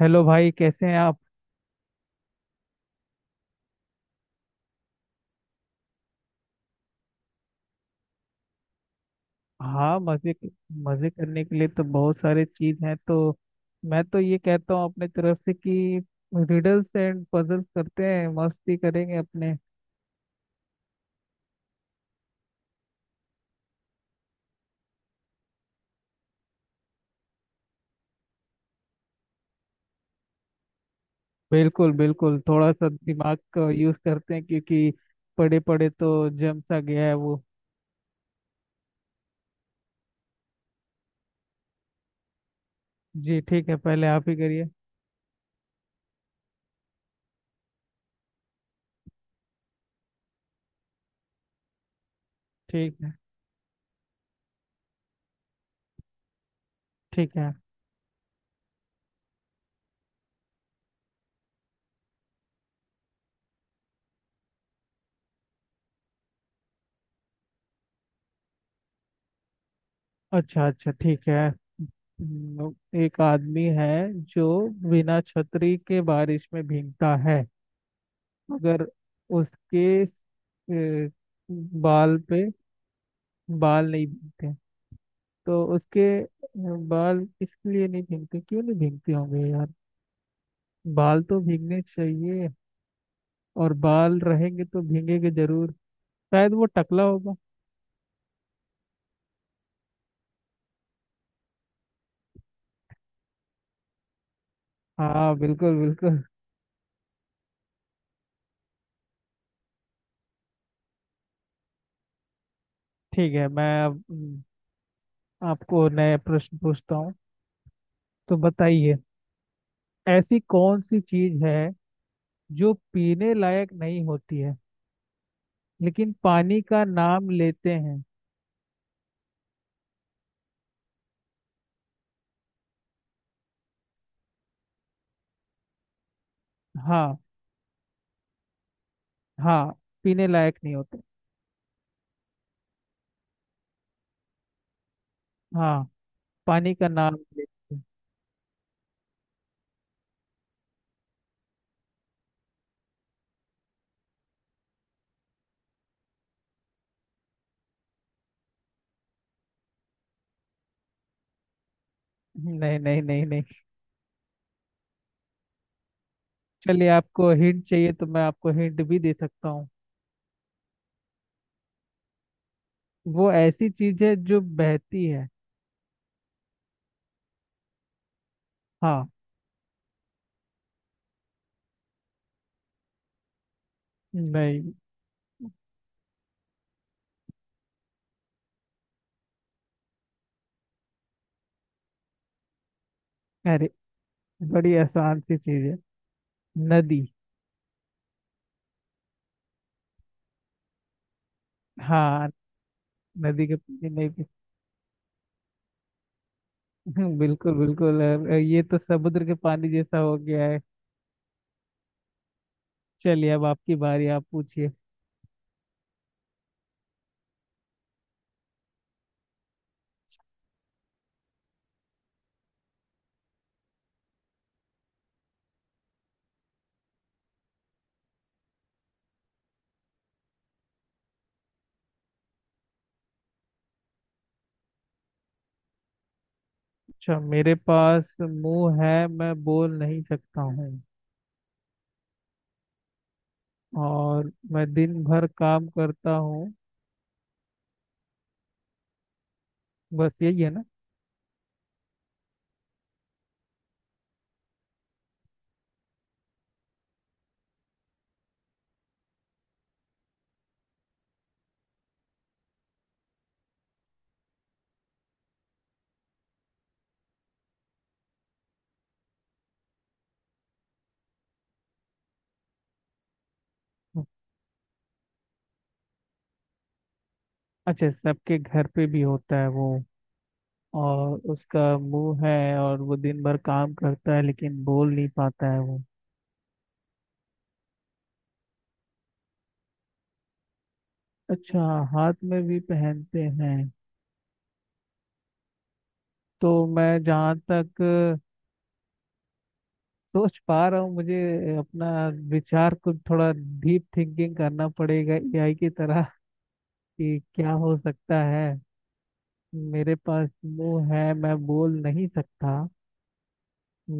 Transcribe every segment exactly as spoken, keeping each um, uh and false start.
Hello भाई, कैसे हैं आप। हाँ मजे। मजे करने के लिए तो बहुत सारे चीज हैं तो मैं तो ये कहता हूँ अपने तरफ से कि रिडल्स एंड पजल्स करते हैं, मस्ती करेंगे अपने। बिल्कुल बिल्कुल, थोड़ा सा दिमाग का यूज करते हैं क्योंकि पड़े पड़े तो जम सा गया है वो। जी ठीक है, पहले आप ही करिए। ठीक है ठीक है। अच्छा अच्छा ठीक है। हम्म, एक आदमी है जो बिना छतरी के बारिश में भीगता है। अगर उसके अ, बाल पे बाल नहीं भीगते, तो उसके अ, बाल इसलिए नहीं भीगते, क्यों नहीं भीगते होंगे यार। बाल तो भीगने चाहिए, और बाल रहेंगे तो भीगेंगे जरूर। शायद वो टकला होगा। हाँ बिल्कुल बिल्कुल। ठीक है, मैं अब हम्म, आपको नए प्रश्न पूछता हूँ। तो बताइए, ऐसी कौन सी चीज है जो पीने लायक नहीं होती है लेकिन पानी का नाम लेते हैं। हाँ। हाँ, पीने लायक नहीं होते। हाँ, पानी का नाम लेते हैं। नहीं नहीं नहीं नहीं। चलिए, आपको हिंट चाहिए तो मैं आपको हिंट भी दे सकता हूँ। वो ऐसी चीज है जो बहती है। हाँ। नहीं। अरे, बड़ी आसान सी चीज है, नदी। हाँ, नदी के पानी नहीं पीते। बिल्कुल बिल्कुल। अ, ये तो समुद्र के पानी जैसा हो गया है। चलिए, अब आपकी बारी, आप पूछिए। अच्छा, मेरे पास मुंह है मैं बोल नहीं सकता हूँ, और मैं दिन भर काम करता हूँ, बस यही है ना। अच्छा, सबके घर पे भी होता है वो, और उसका मुंह है और वो दिन भर काम करता है लेकिन बोल नहीं पाता है वो। अच्छा, हाथ में भी पहनते हैं। तो मैं जहाँ तक अ, सोच पा रहा हूँ, मुझे अपना विचार को थोड़ा डीप थिंकिंग करना पड़ेगा एआई की तरह, कि क्या हो सकता है। मेरे पास मुंह है मैं बोल नहीं सकता।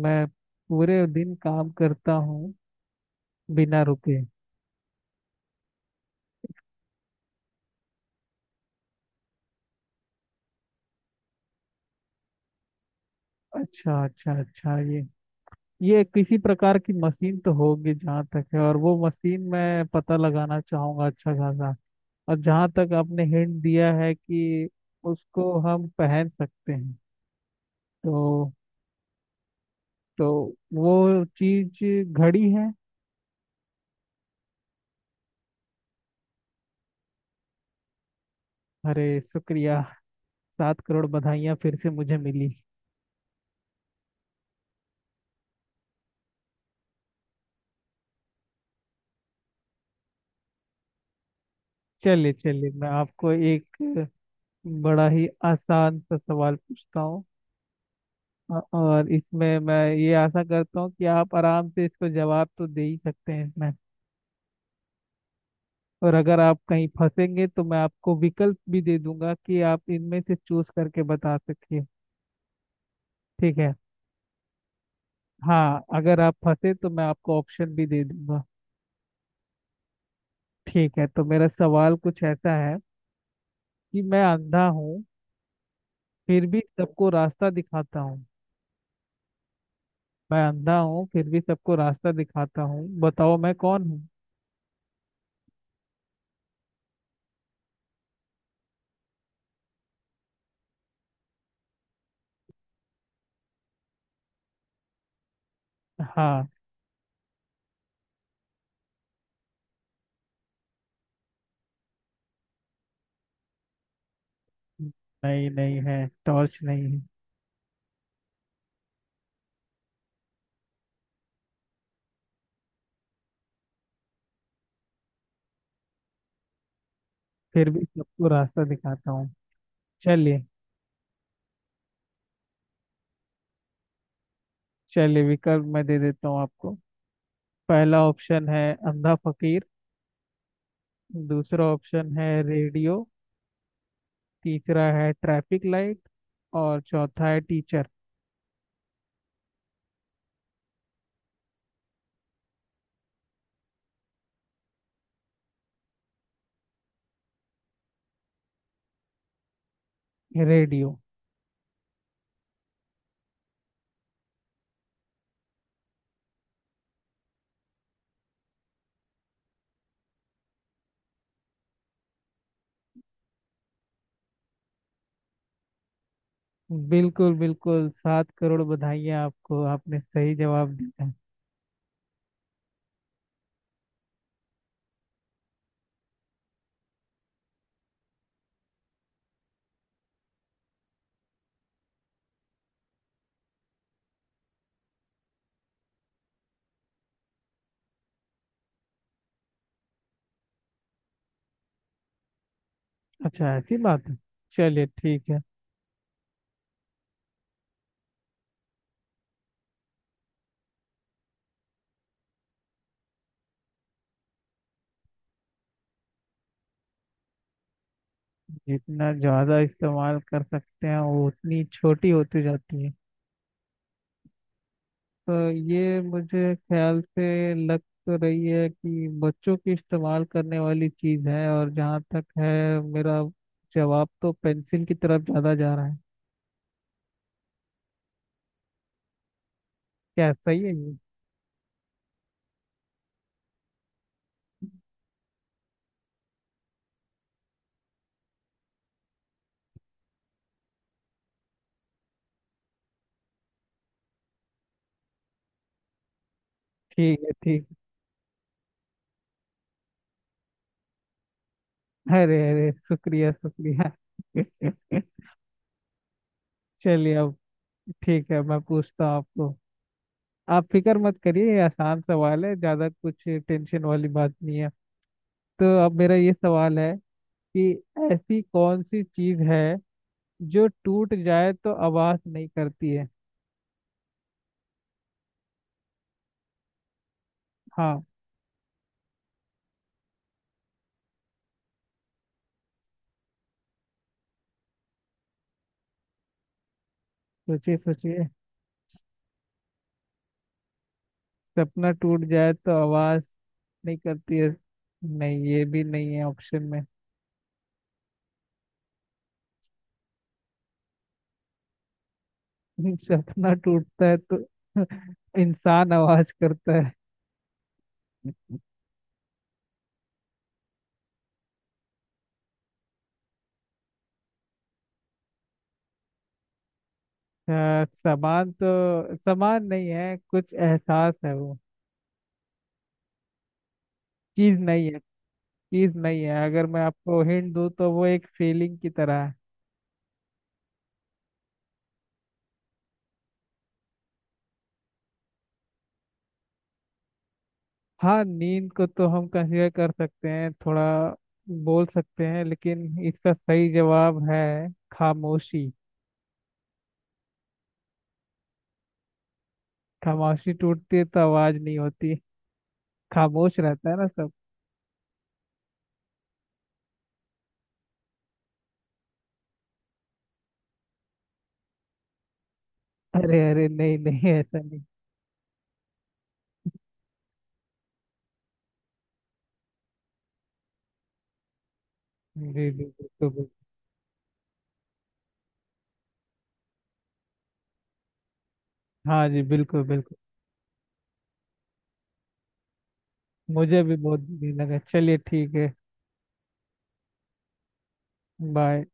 मैं पूरे दिन काम करता हूँ बिना रुके। अच्छा अच्छा अच्छा, ये ये किसी प्रकार की मशीन तो होगी जहाँ तक है, और वो मशीन मैं पता लगाना चाहूंगा अच्छा खासा। और जहाँ तक आपने हिंट दिया है कि उसको हम पहन सकते हैं, तो तो वो चीज घड़ी है। अरे, शुक्रिया। सात करोड़ बधाइयाँ फिर से मुझे मिली। चलिए चलिए, मैं आपको एक बड़ा ही आसान सा सवाल पूछता हूँ। औ- और इसमें मैं ये आशा करता हूँ कि आप आराम से इसको जवाब तो दे ही सकते हैं इसमें। और अगर आप कहीं फंसेंगे तो मैं आपको विकल्प भी दे दूंगा, कि आप इनमें से चूज करके बता सकिए। ठीक है। हाँ, अगर आप फंसे तो मैं आपको ऑप्शन भी दे दूंगा। ठीक है, तो मेरा सवाल कुछ ऐसा है कि मैं अंधा हूँ फिर भी सबको रास्ता दिखाता हूँ। मैं अंधा हूँ फिर भी सबको रास्ता दिखाता हूँ, बताओ मैं कौन हूँ। हाँ। नहीं, नहीं है, टॉर्च नहीं है। फिर भी सबको रास्ता दिखाता हूँ। चलिए। चलिए, विकल्प मैं दे देता हूँ आपको। पहला ऑप्शन है अंधा फकीर। दूसरा ऑप्शन है रेडियो। तीसरा है ट्रैफिक लाइट। और चौथा है टीचर। रेडियो। बिल्कुल बिल्कुल, सात करोड़ बधाइयाँ आपको, आपने सही जवाब दिया। अच्छा, ऐसी बात है। चलिए ठीक है। जितना ज़्यादा इस्तेमाल कर सकते हैं वो उतनी छोटी होती जाती है। तो ये मुझे ख्याल से लग तो रही है कि बच्चों की इस्तेमाल करने वाली चीज़ है, और जहाँ तक है मेरा जवाब तो पेंसिल की तरफ ज़्यादा जा रहा है। क्या सही है ये। ठीक है ठीक है। अरे अरे, शुक्रिया शुक्रिया। चलिए अब। ठीक है, मैं पूछता हूँ आपको। आप फिक्र मत करिए, ये आसान सवाल है, ज़्यादा कुछ टेंशन वाली बात नहीं है। तो अब मेरा ये सवाल है कि ऐसी कौन सी चीज़ है जो टूट जाए तो आवाज नहीं करती है। हाँ। सोचिए सोचिए। सपना टूट जाए तो आवाज नहीं करती है। नहीं, ये भी नहीं है ऑप्शन में। सपना टूटता है तो इंसान आवाज करता है। अ, सामान तो सामान नहीं है कुछ, एहसास है वो। चीज नहीं है। चीज नहीं है, अगर मैं आपको हिंट दूँ तो वो एक फीलिंग की तरह है। हाँ, नींद को तो हम कंसीडर कर सकते हैं थोड़ा, बोल सकते हैं, लेकिन इसका सही जवाब है खामोशी। खामोशी टूटती है तो आवाज नहीं होती, खामोश रहता है ना सब। अरे अरे नहीं नहीं, ऐसा नहीं। जी जी बिल्कुल बिल्कुल। हाँ जी बिल्कुल बिल्कुल। मुझे भी बहुत बुरी लगा, चलिए ठीक है। बाय।